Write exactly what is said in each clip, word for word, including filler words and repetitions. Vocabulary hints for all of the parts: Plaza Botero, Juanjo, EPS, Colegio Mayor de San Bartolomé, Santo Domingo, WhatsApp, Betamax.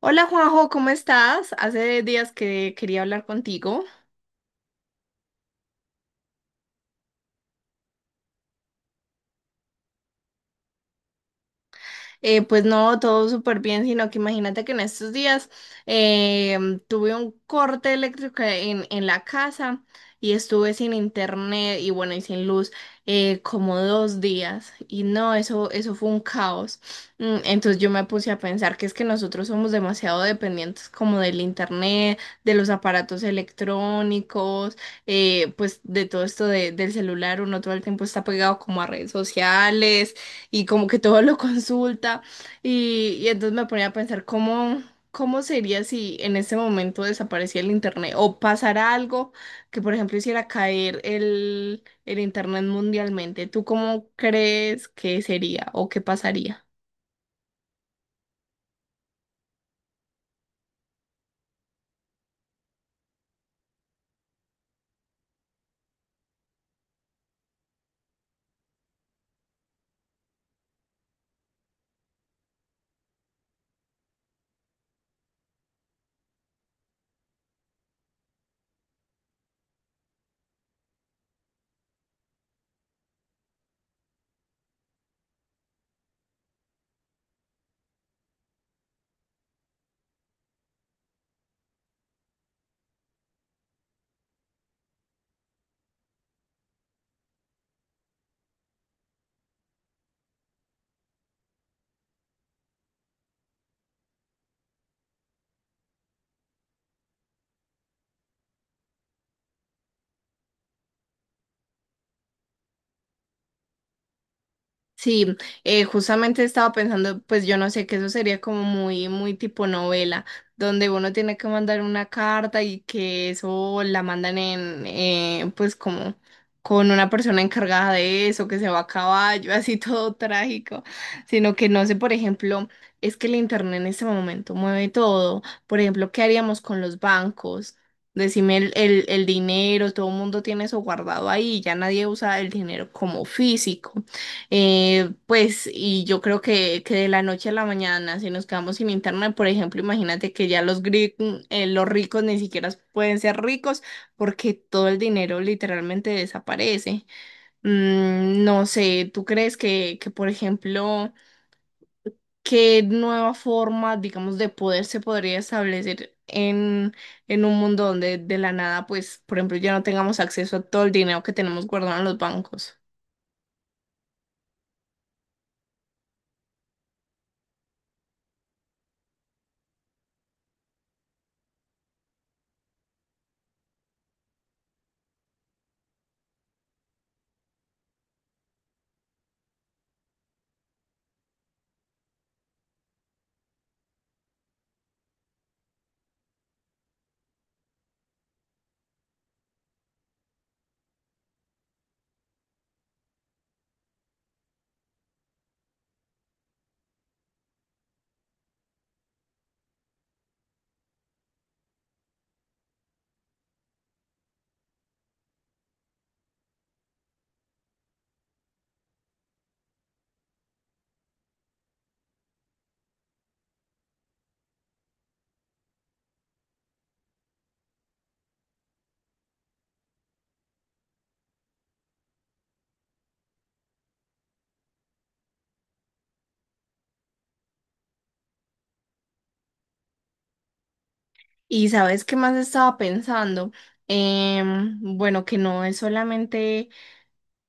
Hola Juanjo, ¿cómo estás? Hace días que quería hablar contigo. Eh, pues no, todo súper bien, sino que imagínate que en estos días em, tuve un corte eléctrico en, en la casa y estuve sin internet y bueno, y sin luz, eh, como dos días y no, eso, eso fue un caos. Mm. Entonces yo me puse a pensar que es que nosotros somos demasiado dependientes como del internet, de los aparatos electrónicos, eh, pues de todo esto de- del celular, uno todo el tiempo está pegado como a redes sociales y como que todo lo consulta y, y entonces me ponía a pensar cómo, cómo sería si en ese momento desapareciera el internet o pasara algo que por ejemplo hiciera caer el, el internet mundialmente. ¿Tú cómo crees que sería o qué pasaría? Sí, eh, justamente estaba pensando, pues yo no sé, que eso sería como muy, muy tipo novela, donde uno tiene que mandar una carta y que eso la mandan en, eh, pues como con una persona encargada de eso, que se va a caballo, así todo trágico, sino que no sé, por ejemplo, es que el internet en este momento mueve todo, por ejemplo, ¿qué haríamos con los bancos? Decime el, el el dinero, todo el mundo tiene eso guardado ahí, ya nadie usa el dinero como físico. Eh, pues, y yo creo que, que de la noche a la mañana, si nos quedamos sin internet, por ejemplo, imagínate que ya los, gri- eh, los ricos ni siquiera pueden ser ricos porque todo el dinero literalmente desaparece. Mm, no sé, ¿tú crees que, que, por ejemplo, qué nueva forma, digamos, de poder se podría establecer en, en un mundo donde de la nada, pues, por ejemplo, ya no tengamos acceso a todo el dinero que tenemos guardado en los bancos? Y sabes qué más estaba pensando. Em, bueno, que no es solamente,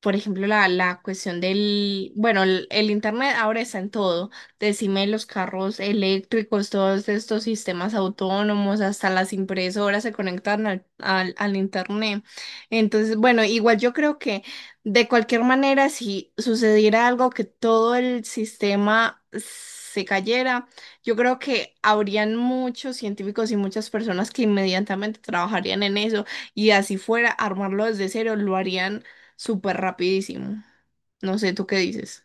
por ejemplo, la, la cuestión del, bueno, el, el internet ahora está en todo. Decime los carros eléctricos, todos estos sistemas autónomos, hasta las impresoras se conectan al, al, al internet. Entonces, bueno, igual yo creo que de cualquier manera, si sucediera algo que todo el sistema se cayera, yo creo que habrían muchos científicos y muchas personas que inmediatamente trabajarían en eso y así fuera, armarlo desde cero, lo harían súper rapidísimo. No sé, ¿tú qué dices?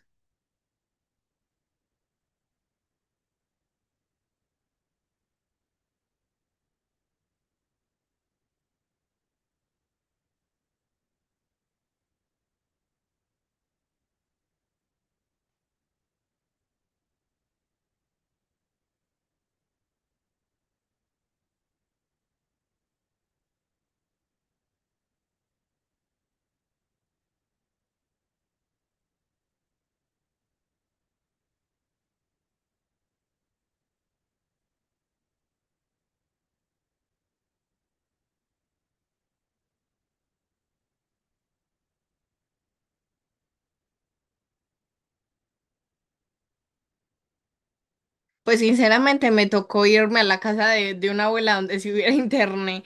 Pues sinceramente me tocó irme a la casa de, de una abuela donde si hubiera internet.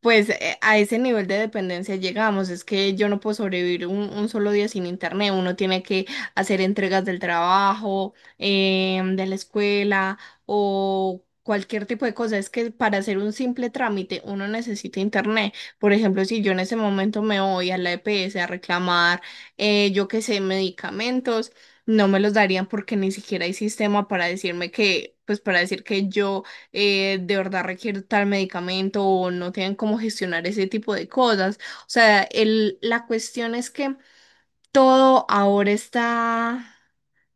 Pues eh, a ese nivel de dependencia llegamos, es que yo no puedo sobrevivir un, un solo día sin internet, uno tiene que hacer entregas del trabajo, em, de la escuela o cualquier tipo de cosa, es que para hacer un simple trámite uno necesita internet. Por ejemplo, si yo en ese momento me voy a la E P E ese a reclamar, eh, yo qué sé, medicamentos, no me los darían porque ni siquiera hay sistema para decirme que, pues para decir que yo eh, de verdad requiere tal medicamento o no tienen cómo gestionar ese tipo de cosas. O sea, el, la cuestión es que todo ahora está,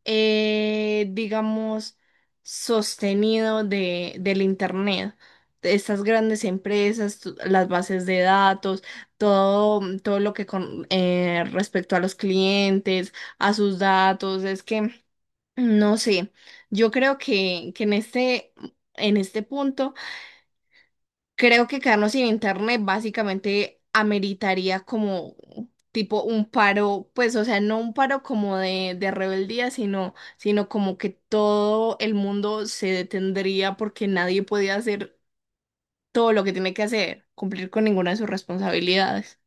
eh, digamos, sostenido de, del internet, de estas grandes empresas, tu- las bases de datos, todo, todo lo que con eh, respecto a los clientes, a sus datos, es que no sé, yo creo que, que en este, en este punto creo que quedarnos sin internet básicamente ameritaría como tipo un paro, pues, o sea, no un paro como de, de rebeldía, sino, sino como que todo el mundo se detendría porque nadie podía hacer todo lo que tiene que hacer, cumplir con ninguna de sus responsabilidades.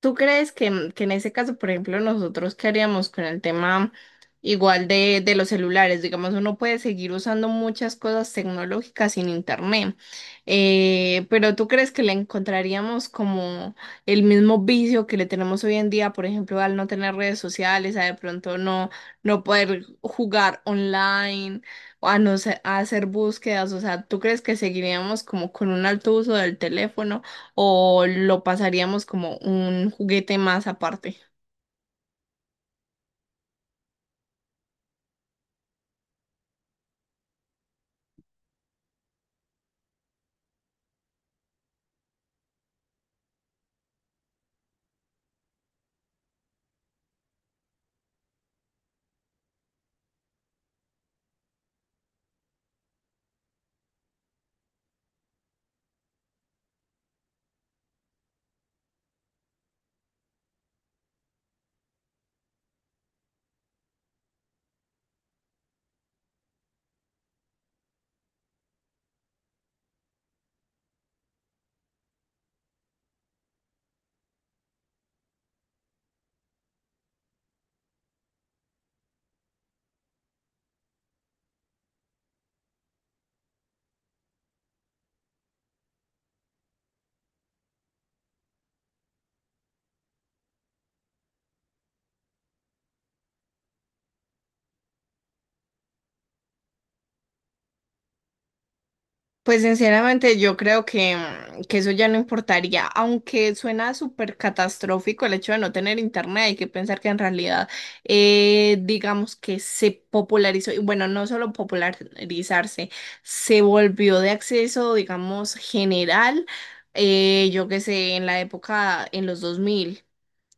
¿Tú crees que, ¿en que en ese caso, por ejemplo, nosotros qué haríamos con el tema igual de, de los celulares? Digamos, uno puede seguir usando muchas cosas tecnológicas sin internet, eh, pero ¿tú crees que le encontraríamos como el mismo vicio que le tenemos hoy en día, por ejemplo, al no tener redes sociales, a de pronto no, no poder jugar online, o a no se- a hacer búsquedas? O sea, ¿tú crees que seguiríamos como con un alto uso del teléfono o lo pasaríamos como un juguete más aparte? Pues sinceramente yo creo que, mm, que eso ya no importaría, aunque suena súper catastrófico el hecho de no tener internet, hay que pensar que en realidad eh, digamos que se popularizó, y bueno, no solo popularizarse, se volvió de acceso, digamos, general, eh, yo qué sé, en la época, en los dos mil.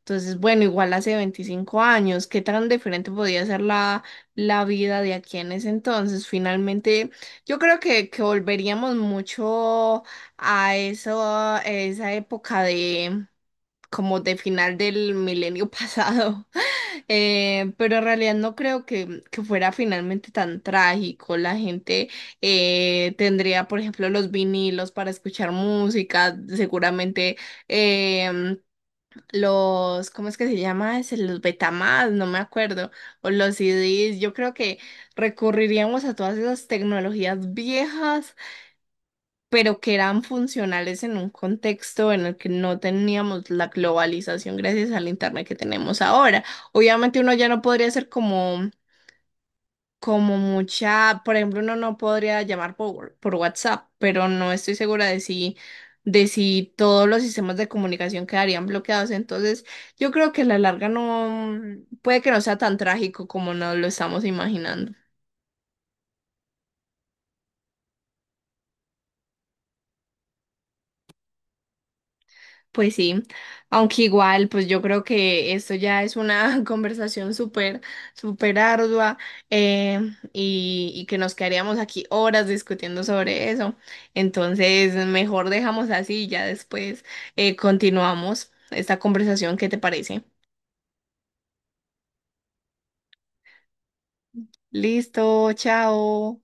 Entonces, bueno, igual hace veinticinco años, ¿qué tan diferente podía ser la, la vida de aquí en ese entonces? Finalmente, yo creo que, que volveríamos mucho a eso, a esa época de como de final del milenio pasado. Eh, pero en realidad no creo que, que fuera finalmente tan trágico. La gente eh, tendría, por ejemplo, los vinilos para escuchar música, seguramente. em, los, ¿cómo es que se llama ese? Los Betamax, no me acuerdo, o los ce dés, yo creo que recurriríamos a todas esas tecnologías viejas, pero que eran funcionales en un contexto en el que no teníamos la globalización gracias al internet que tenemos ahora. Obviamente uno ya no podría ser como como mucha, por ejemplo, uno no podría llamar por, por WhatsApp, pero no estoy segura de si, de si todos los sistemas de comunicación quedarían bloqueados. Entonces, yo creo que a la larga no, puede que no sea tan trágico como nos lo estamos imaginando. Pues sí, aunque igual, pues yo creo que esto ya es una conversación súper, súper ardua, eh, y, y que nos quedaríamos aquí horas discutiendo sobre eso. Entonces, mejor dejamos así y ya después eh, continuamos esta conversación. ¿Qué te parece? Listo, chao.